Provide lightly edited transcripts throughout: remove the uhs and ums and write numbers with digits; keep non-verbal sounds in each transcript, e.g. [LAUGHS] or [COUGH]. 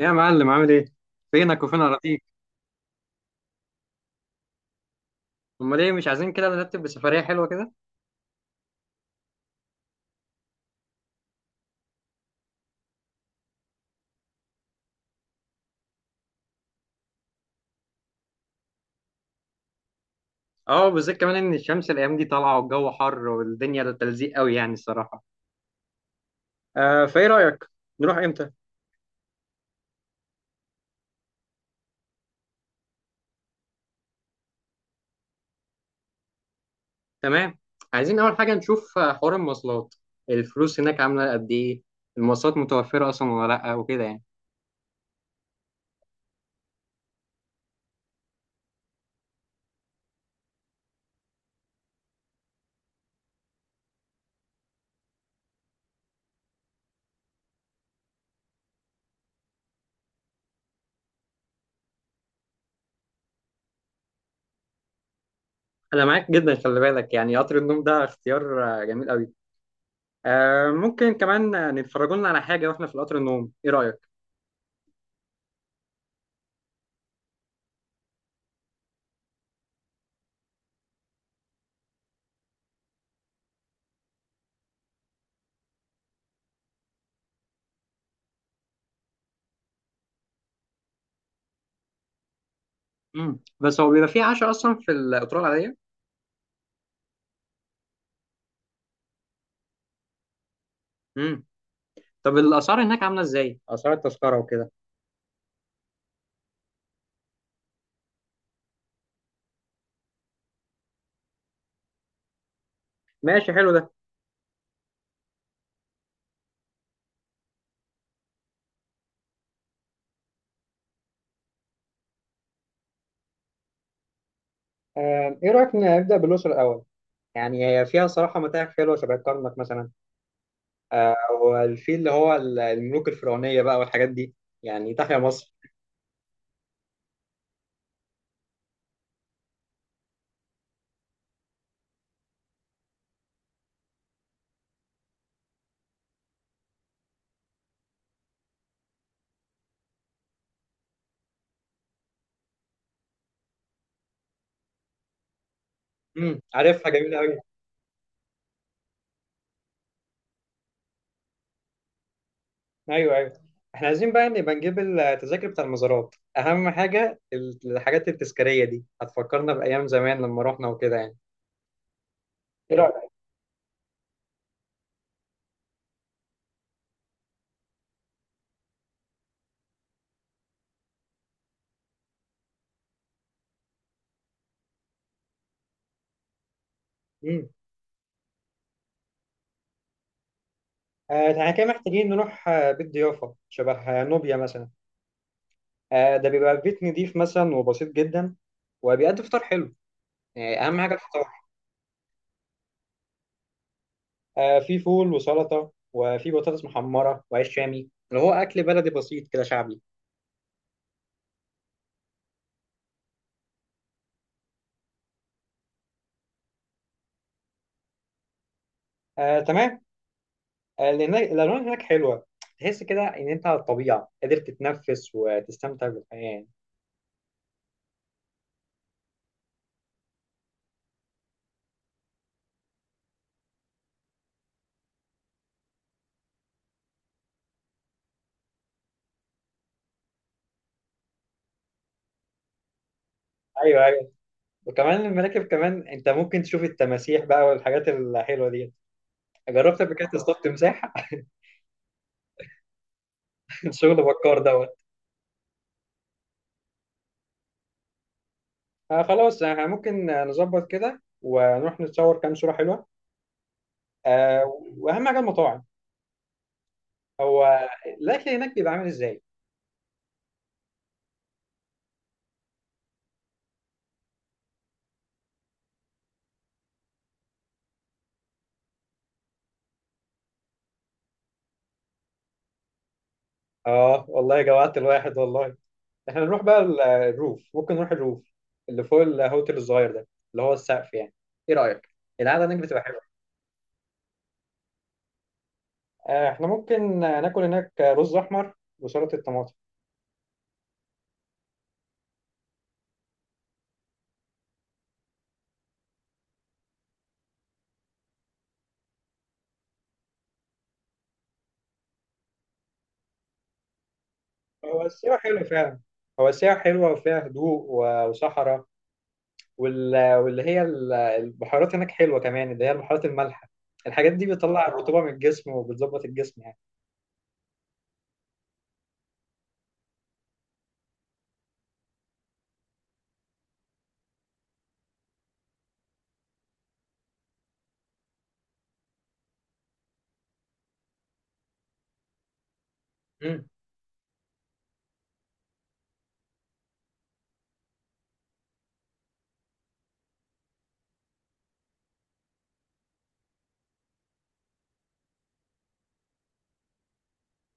إيه يا معلم عامل ايه؟ فينك وفين اراضيك؟ امال ايه مش عايزين كده نرتب بسفرية حلوة كده؟ اه، بالذات كمان ان الشمس الايام دي طالعة والجو حر والدنيا تلزيق قوي يعني الصراحة. آه، فايه رأيك؟ نروح امتى؟ تمام. عايزين اول حاجة نشوف حوار المواصلات. الفلوس هناك عاملة قد ايه؟ المواصلات متوفرة اصلا ولا لا وكده يعني. انا معاك جدا. خلي بالك يعني قطر النوم ده اختيار جميل قوي. آه، ممكن كمان نتفرجوا لنا على حاجة واحنا في قطر النوم، ايه رأيك؟ مم. بس هو بيبقى فيه عشاء اصلا في القطورة العادية؟ مم. طب الاسعار هناك عامله ازاي، اسعار التذكره وكده؟ ماشي، حلو ده. ايه رايك نبدا بالاقصر الاول؟ يعني هي فيها صراحه متاحف حلوه شبه الكرنك مثلا. آه، والفيل اللي هو الملوك الفرعونيه بقى والحاجات دي، يعني تحيا مصر. عارفها جميله قوي. ايوه، ايوه، احنا عايزين بقى نبقى نجيب التذاكر بتاع المزارات، اهم حاجه الحاجات التذكاريه دي هتفكرنا بايام زمان لما رحنا وكده يعني. ايه رايك؟ امم. احنا كده محتاجين نروح بيت ضيافه شبه نوبيا مثلا. آه، ده بيبقى بيت نضيف مثلا وبسيط جدا، وبيقدم فطار حلو، يعني اهم حاجه الفطار. آه، في فول وسلطه وفي بطاطس محمره وعيش شامي، اللي هو اكل بلدي بسيط كده شعبي. آه، تمام. آه، الالوان هناك حلوه، تحس كده ان انت على الطبيعه قادر تتنفس وتستمتع بالحياه يعني. ايوه، ايوه، وكمان المراكب، كمان انت ممكن تشوف التماسيح بقى والحاجات الحلوه دي. جربت قبل كده تصطاد تمساح؟ [LAUGHS] شغل بكار دوت. آه، خلاص، احنا ممكن نظبط كده ونروح نتصور كام صوره حلوه. آه. واهم حاجه المطاعم، هو الاكل هناك بيبقى عامل ازاي؟ اه والله جوعت الواحد والله. احنا نروح بقى الروف، ممكن نروح الروف اللي فوق الهوتيل الصغير ده، اللي هو السقف يعني. ايه رايك؟ القعده هناك بتبقى حلوه. آه، احنا ممكن ناكل هناك رز احمر وسلطه طماطم. هو السيوه حلوه فعلا. هو السيوه حلوه وفيها هدوء وصحراء، واللي هي البحيرات هناك حلوه كمان، اللي هي البحيرات المالحه. الحاجات دي بتطلع الرطوبه من الجسم وبتظبط الجسم يعني. مم.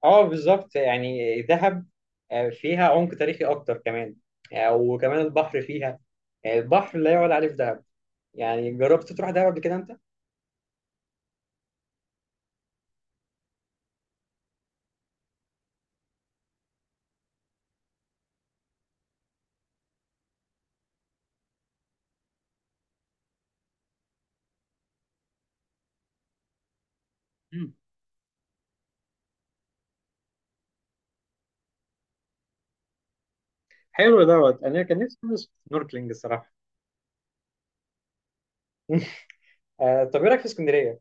اه بالظبط، يعني دهب فيها عمق تاريخي اكتر كمان. وكمان البحر فيها، البحر لا يعلى عليه في دهب. يعني جربت تروح دهب قبل كده انت؟ مم. حلو دوت، انا كان نفسي ادرس سنوركلينج الصراحه. طب ايه رايك في اسكندريه؟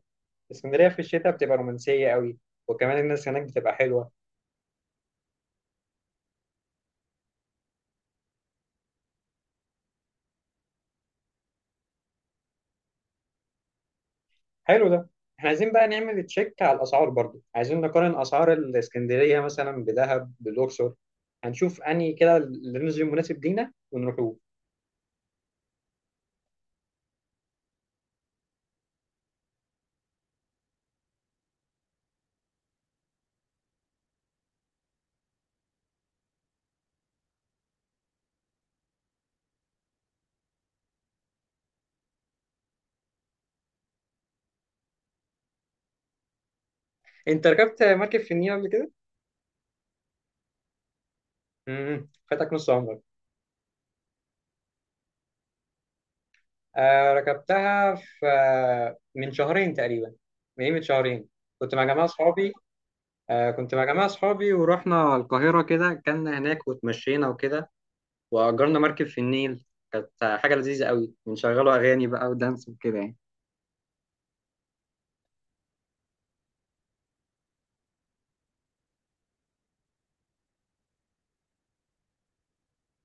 اسكندريه في الشتاء بتبقى رومانسيه قوي، وكمان الناس هناك بتبقى حلوه. حلو ده. احنا عايزين بقى نعمل تشيك على الاسعار، برضو عايزين نقارن اسعار الاسكندريه مثلا بدهب بالاقصر. هنشوف انهي كده اللي نزل مناسب لينا ونروحوه. انت ركبت مركب في النيل قبل كده؟ فاتك نص عمرك. آه، ركبتها في من شهرين تقريبا يعني، من قيمة شهرين. كنت مع جماعة صحابي. آه، كنت مع جماعة صحابي ورحنا القاهرة كده، كنا هناك وتمشينا وكده، وأجرنا مركب في النيل. كانت حاجة لذيذة قوي، بنشغلوا أغاني بقى ودانس وكده يعني.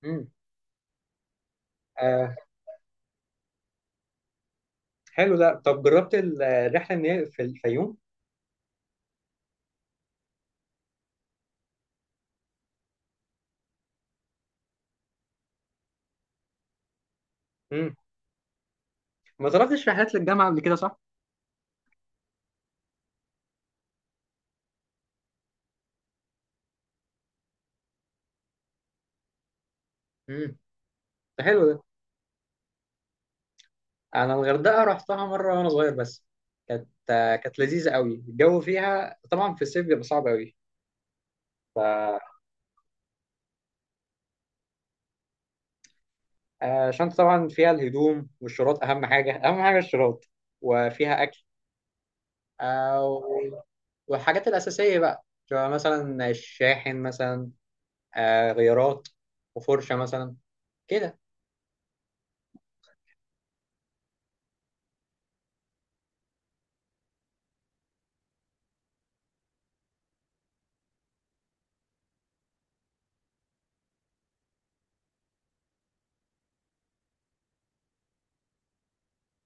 امم. آه، حلو ده. طب جربت الرحلة النيل في الفيوم؟ امم. ما طلبتش رحلات للجامعة قبل كده صح؟ امم. ده حلو ده. انا الغردقه رحتها مره وانا صغير بس، كانت كانت لذيذه قوي. الجو فيها طبعا في الصيف بيبقى صعب قوي. فالشنطه طبعا فيها الهدوم والشراط، اهم حاجه اهم حاجه الشراط، وفيها اكل. آه، و- والحاجات الاساسيه بقى شبه مثلا الشاحن مثلا، غيارات، وفرشه مثلا كده.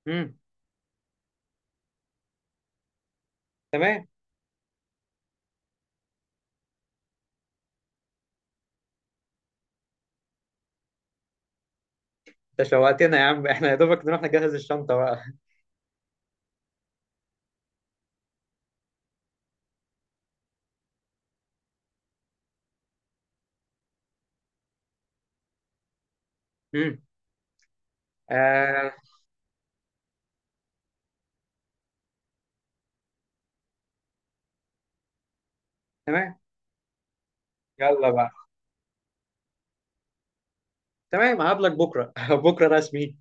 امم. تمام. انت شوقتنا يا عم [LAUGHS] احنا يا دوبك نروح نجهز الشنطه بقى. امم. آه، تمام. يلا بقى. تمام، هقابلك بكره [LAUGHS] بكره رسمي.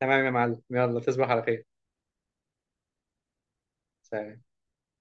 تمام يا معلم، يلا تصبح على خير. سلام.